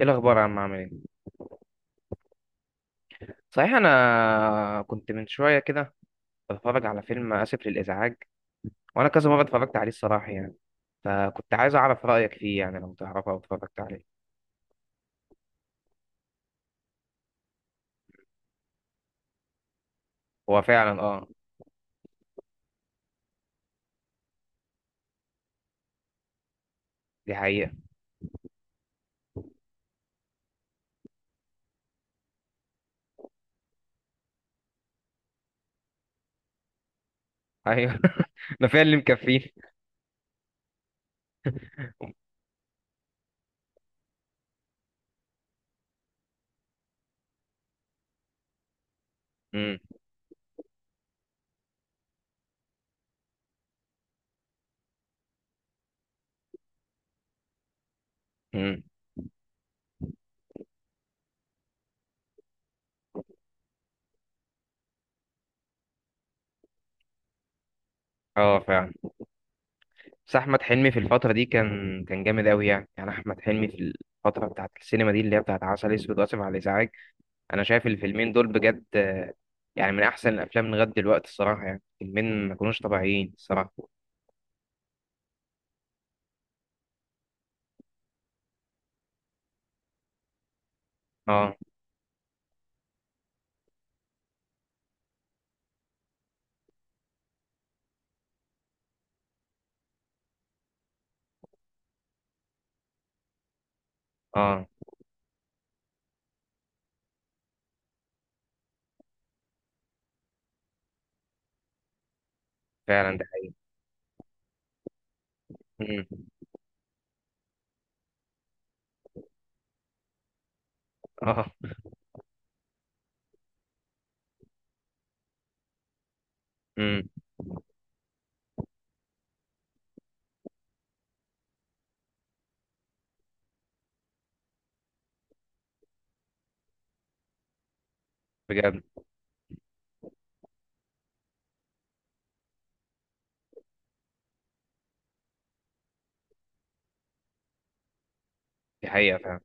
ايه الاخبار يا عم؟ عامل ايه؟ صحيح، انا كنت من شويه كده بتفرج على فيلم اسف للازعاج، وانا كذا مره اتفرجت عليه الصراحه يعني. فكنت عايز اعرف رايك فيه، يعني لو تعرفه او اتفرجت عليه. هو فعلا، اه. دي حقيقه. ايوه، ده فعلا اللي مكفيه. امم. امم. اه، فعلا. بس احمد حلمي في الفتره دي كان جامد قوي، يعني احمد حلمي في الفتره بتاعت السينما دي اللي هي بتاعت عسل اسود واسف على الازعاج. انا شايف الفيلمين دول بجد. يعني من احسن الافلام لغايه دلوقتي الصراحه، يعني فيلمين ما كانوش طبيعيين الصراحه. اه، اه، فعلا، ده حقيقي. امم. اه. امم. بجد، دي حقيقه فعلا.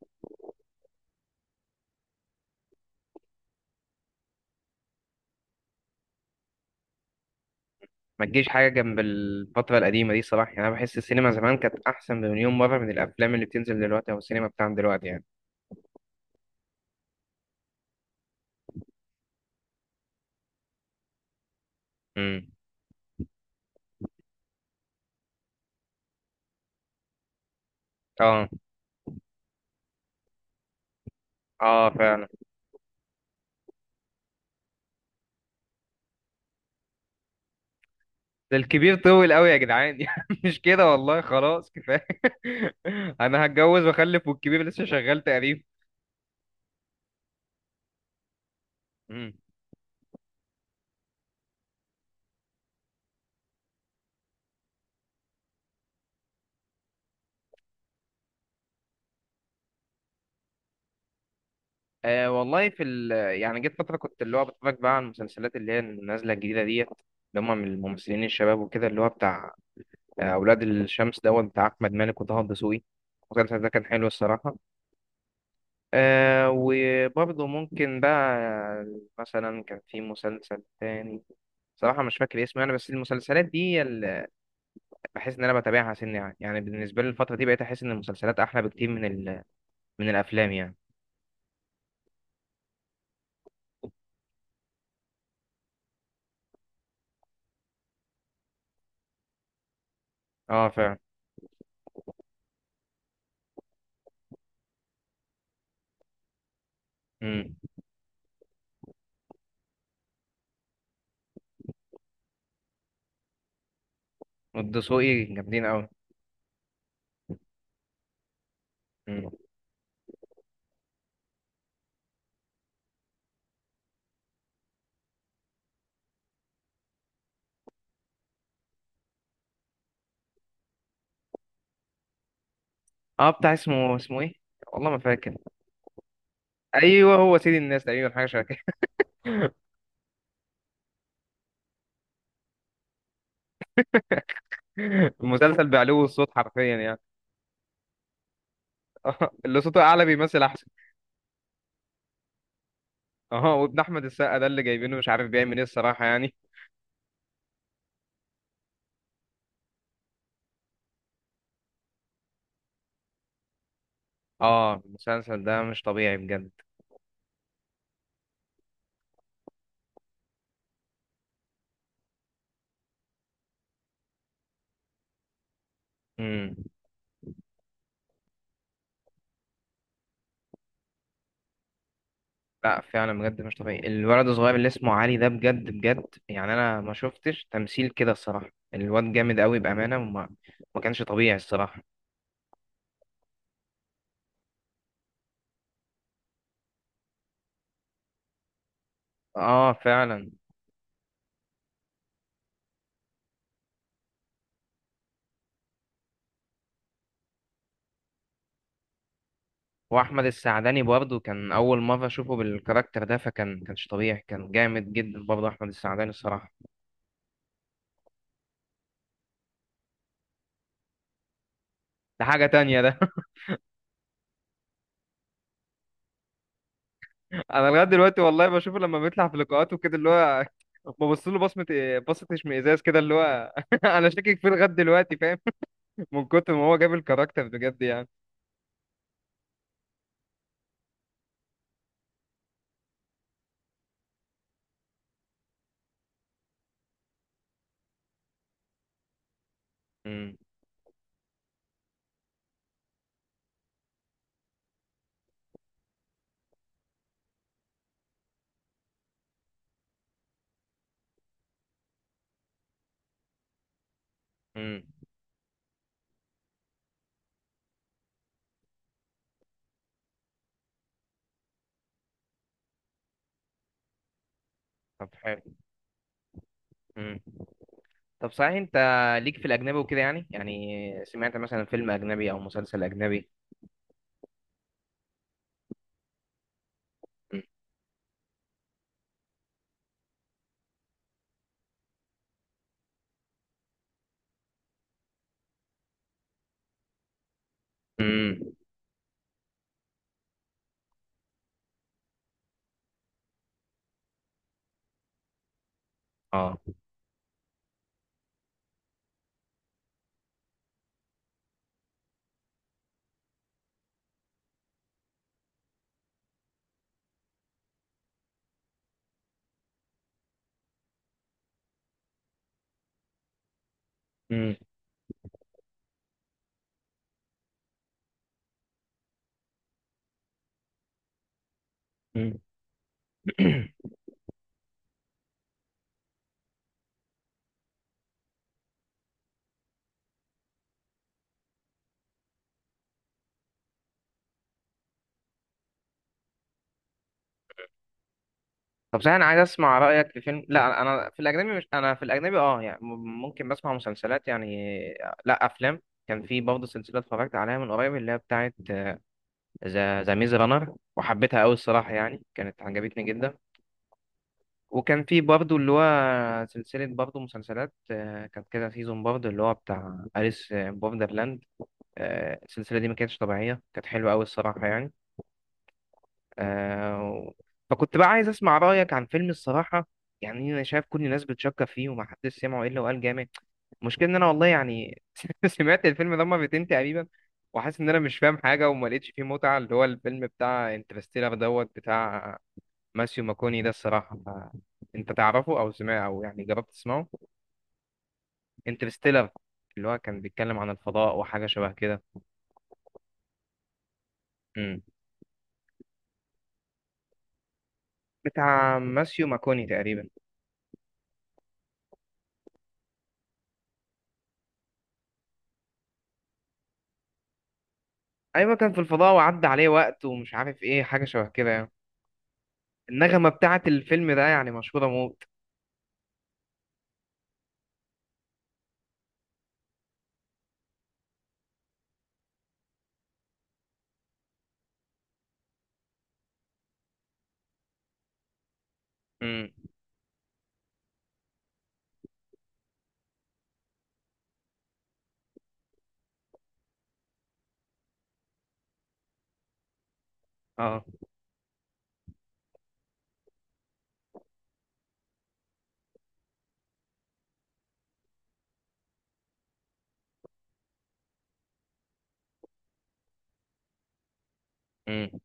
ما تجيش حاجه جنب الفتره القديمه دي صراحه، يعني انا بحس السينما زمان كانت احسن بمليون مره من الافلام اللي بتنزل دلوقتي او السينما بتاعنا دلوقتي يعني. امم. اه، اه، فعلا. ده الكبير طول قوي يا جدعان، يعني مش كده والله، خلاص كفايه. انا هتجوز واخلف والكبير لسه شغال تقريبا. أه والله، في ال يعني جيت فترة كنت اللي هو بتفرج بقى على المسلسلات اللي هي النازلة الجديدة ديت، اللي هم من الممثلين الشباب وكده، اللي هو بتاع أولاد الشمس دوت بتاع أحمد مالك وطه الدسوقي. المسلسل ده كان حلو الصراحة. أه، وبرضه ممكن بقى مثلا كان في مسلسل تاني، صراحة مش فاكر اسمه يعني، بس المسلسلات دي هي اللي بحس إن أنا بتابعها سن يعني بالنسبة لي الفترة دي بقيت أحس إن المسلسلات أحلى بكتير من الأفلام يعني. اه، فعلا. امم. والدسوقي جامدين أوي. اه، بتاع اسمه ايه؟ والله ما فاكر. ايوه، هو سيد الناس تقريبا، حاجه شبه كده. المسلسل بعلو الصوت حرفيا يعني. اه، اللي صوته اعلى بيمثل احسن. اه، وابن احمد السقا ده اللي جايبينه مش عارف بيعمل ايه الصراحه يعني. اه، المسلسل ده مش طبيعي بجد. امم. لا، فعلا بجد مش طبيعي، الولد الصغير اللي اسمه علي ده، بجد بجد يعني انا ما شفتش تمثيل كده الصراحه، الواد جامد قوي بامانه، وما ما كانش طبيعي الصراحه. اه، فعلا. واحمد السعداني برضه كان اول مره اشوفه بالكاركتر ده، كانش طبيعي، كان جامد جدا برضه احمد السعداني الصراحه. ده حاجه تانية ده. انا لغايه دلوقتي والله بشوفه لما بيطلع في لقاءاته كده اللي هو، ببص له بصه اشمئزاز كده اللي هو، انا شاكك فيه لغايه دلوقتي فاهم؟ من كتر ما هو جاب الكاركتر بجد يعني. امم. امم. طب حلو. امم. طب صحيح، انت ليك في الاجنبي وكده يعني سمعت مثلا فيلم اجنبي او مسلسل اجنبي؟ امم. اه. امم. طب صحيح، انا عايز اسمع رايك في فيلم. لا، انا في الاجنبي، مش انا في الاجنبي اه يعني، ممكن بسمع مسلسلات يعني. لا، افلام. كان في برضه سلسله اتفرجت عليها من قريب اللي هي بتاعه ذا ميز رانر، وحبيتها قوي الصراحه، يعني كانت عجبتني جدا. وكان في برضه اللي هو سلسله برضه مسلسلات كانت كده سيزون، برضه اللي هو بتاع أليس بوردرلاند. السلسله دي ما كانتش طبيعيه، كانت حلوه قوي الصراحه يعني. آه، فكنت بقى عايز اسمع رايك عن فيلم الصراحه، يعني انا شايف كل الناس بتشكر فيه، وما حدش سمعه الا وقال جامد. المشكله ان انا والله يعني، سمعت الفيلم ده مرتين تقريبا وحاسس ان انا مش فاهم حاجه وما لقيتش فيه متعه، اللي هو الفيلم بتاع انترستيلر دوت بتاع ماسيو ماكوني ده الصراحه، انت تعرفه او سمعه او يعني جربت تسمعه؟ انترستيلر، اللي هو كان بيتكلم عن الفضاء وحاجه شبه كده. مم. بتاع ماسيو ماكوني تقريبا. ايوه، كان في الفضاء وعدى عليه وقت ومش عارف ايه، حاجه شبه كده يعني. النغمة بتاعت الفيلم ده يعني مشهورة موت. امم. اه. امم.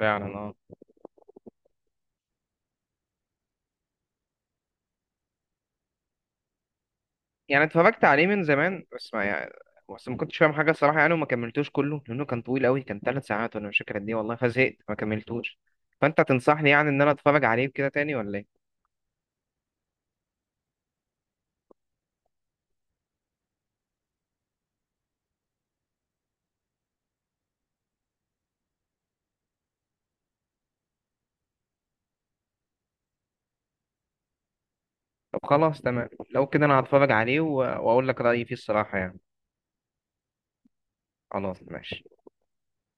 فعلا اه. يعني اتفرجت عليه من زمان، بس ما كنتش فاهم حاجة الصراحة يعني، وما كملتوش كله لأنه كان طويل أوي، كان 3 ساعات وأنا مش فاكر قد إيه والله، فزهقت ما كملتوش. فأنت تنصحني يعني إن أنا أتفرج عليه كده تاني ولا إيه؟ طب خلاص تمام، لو كده أنا هتفرج عليه وأقول لك رأيي فيه الصراحة يعني. خلاص ماشي.